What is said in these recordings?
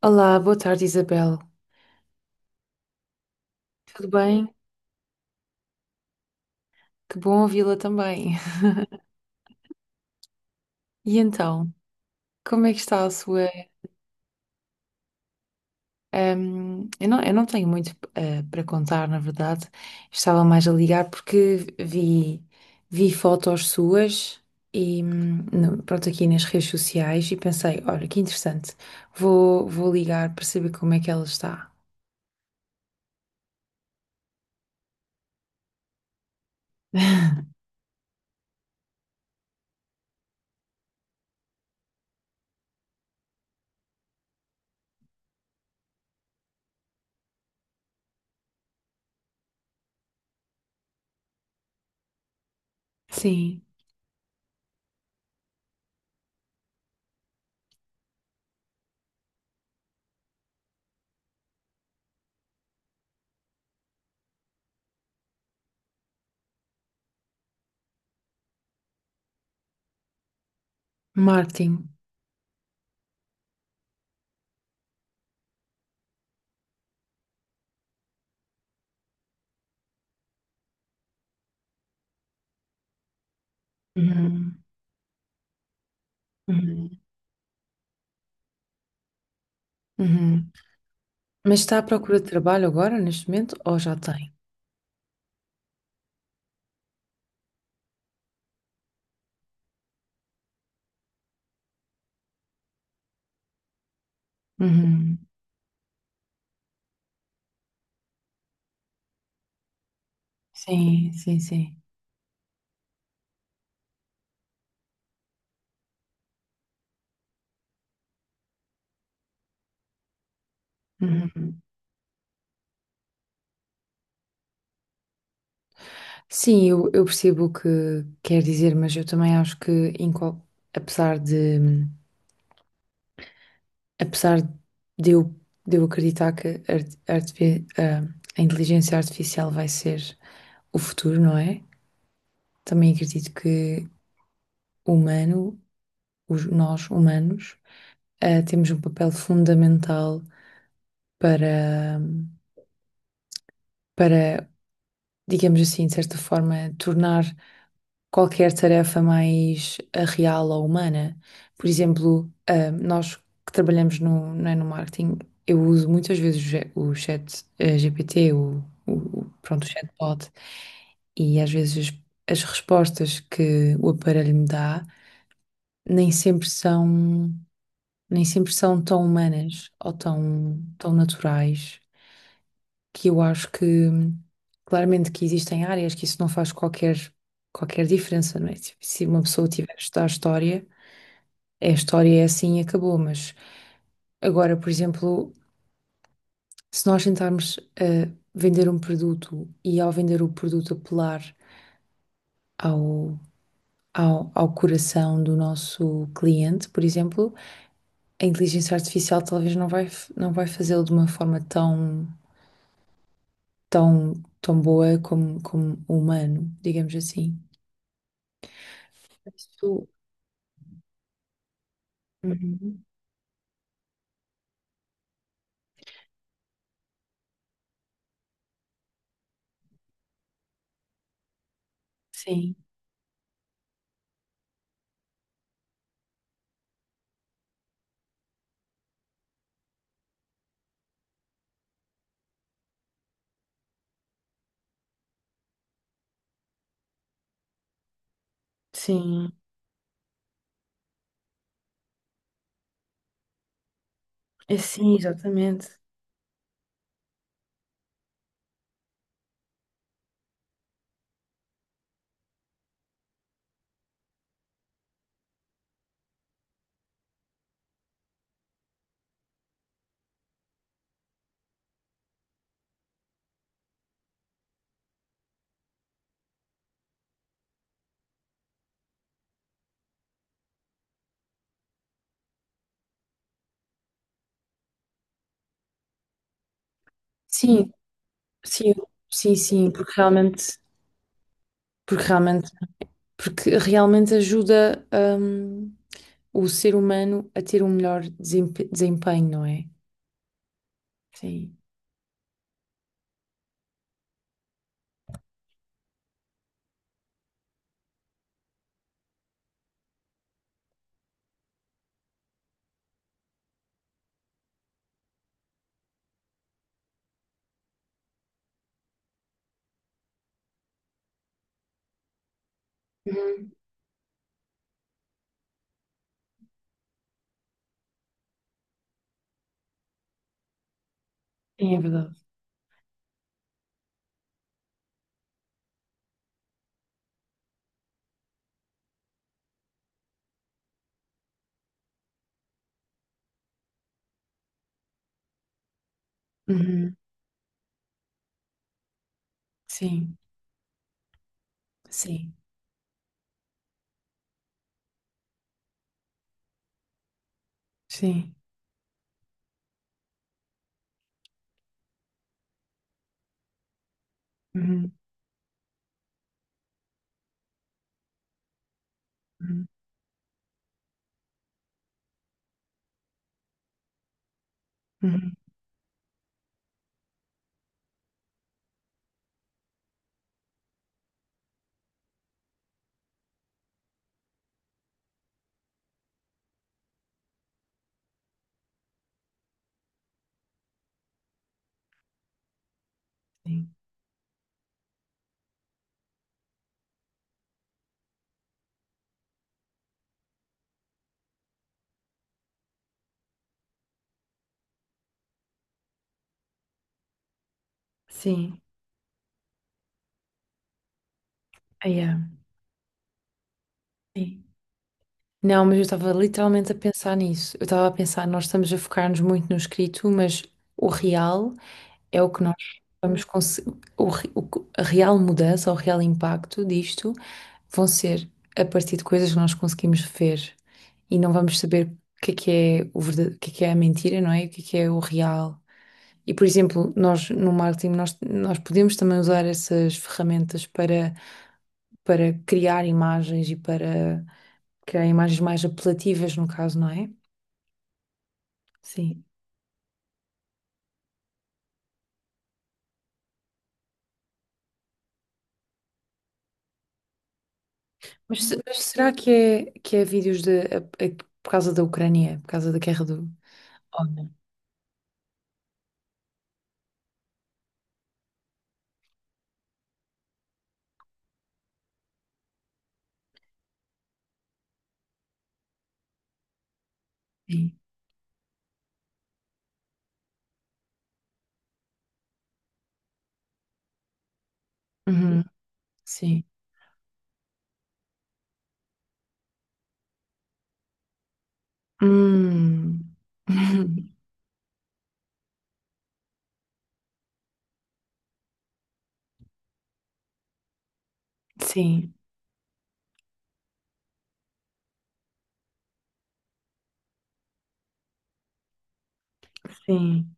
Olá, boa tarde, Isabel. Tudo bem? Que bom ouvi-la também. E então, como é que está a sua. Eu não, eu não tenho muito para contar, na verdade. Estava mais a ligar porque vi, vi fotos suas e pronto, aqui nas redes sociais e pensei, olha, que interessante. Vou, vou ligar para saber como é que ela está. Sim, marketing. Uhum, uhum, uhum. Mas está à procura de trabalho agora, neste momento, ou já tem? Uhum. Sim, sim, sim. Uhum. Sim, eu percebo o que quer dizer, mas eu também acho que, em qual- apesar de, apesar de eu, de eu acreditar que a a inteligência artificial vai ser o futuro, não é? Também acredito que o humano, nós humanos, temos um papel fundamental para, para, digamos assim, de certa forma, tornar qualquer tarefa mais real ou humana. Por exemplo, nós que trabalhamos no, não é, no marketing, eu uso muitas vezes o chat GPT, pronto, o chatbot, e às vezes as respostas que o aparelho me dá nem sempre são, nem sempre são tão humanas ou tão, tão naturais que eu acho que claramente que existem áreas que isso não faz qualquer, qualquer diferença, não é? Se se uma pessoa tiver a estudar história, a história é assim e acabou, mas agora, por exemplo, se nós tentarmos vender um produto e ao vender o produto apelar ao, ao, ao coração do nosso cliente, por exemplo, a inteligência artificial talvez não vai, não vai fazê-lo de uma forma tão, tão, tão boa como, como o humano, digamos assim. Isso. Uhum. Sim, sim. É, sim, exatamente. Sim, sim, sim, sim, porque realmente, porque realmente, porque realmente ajuda, o ser humano a ter um melhor desempenho, não é? Sim. Uhum. Sim, é verdade. Uhum. Sim, sim, sim. Uhum. Uhum. Uhum. Sim. Sim. Ah, yeah. Sim. Não, mas eu estava literalmente a pensar nisso. Eu estava a pensar, nós estamos a focar-nos muito no escrito, mas o real é o que nós vamos conseguir. O, re- o que- A real mudança, o real impacto disto vão ser a partir de coisas que nós conseguimos ver e não vamos saber o que é o verdade, o que é a mentira, não é? E o que é o real. E, por exemplo, nós no marketing, nós podemos também usar essas ferramentas para, para criar imagens e para criar imagens mais apelativas, no caso, não é? Sim. Mas, mas será que é vídeos de, por causa da Ucrânia, por causa da guerra do. Oh, não. Sim. Uhum. Sim. Hum. Sim. Sim.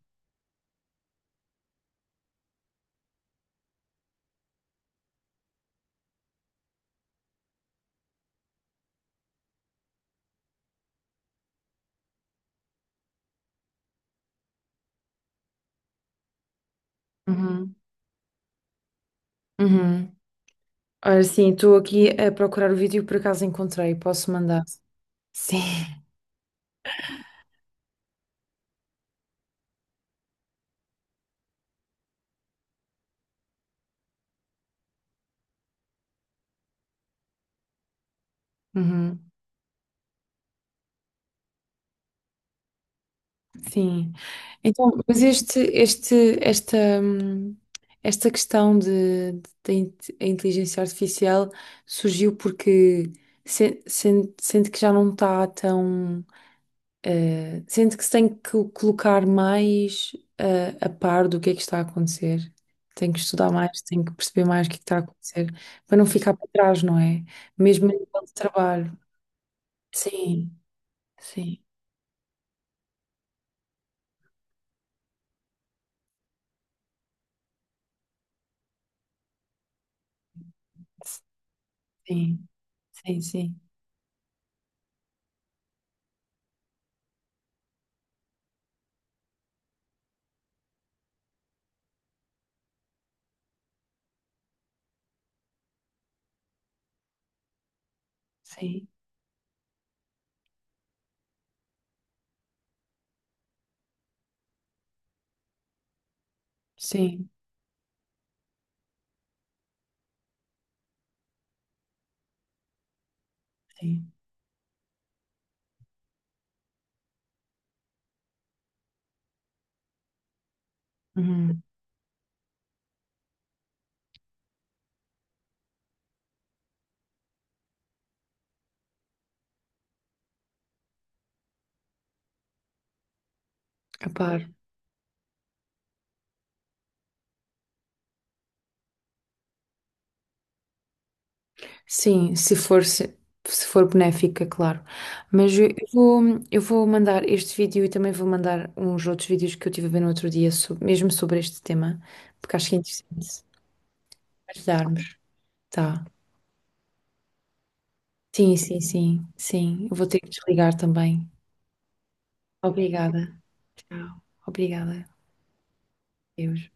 Uhum. Uhum. Ora, sim, estou aqui a procurar o vídeo e por acaso encontrei. Posso mandar? Sim. Uhum. Sim. Então, mas este, esta, esta questão de, a inteligência artificial surgiu porque sente, sente que já não está tão, sente que se tem que colocar mais, a par do que é que está a acontecer. Tem que estudar mais, tem que perceber mais o que é que está a acontecer, para não ficar para trás, não é? Mesmo a nível de trabalho. Sim, sim, sim, sim, sim, sim, sim, sim. Uhum. Claro. Sim, se for, se for benéfica, claro. Mas eu vou mandar este vídeo e também vou mandar uns outros vídeos que eu tive a ver no outro dia, mesmo sobre este tema, porque acho que é interessante ajudarmos. Tá. Sim, sim, sim, sim. Eu vou ter que desligar também. Obrigada. Tchau. Obrigada. Deus.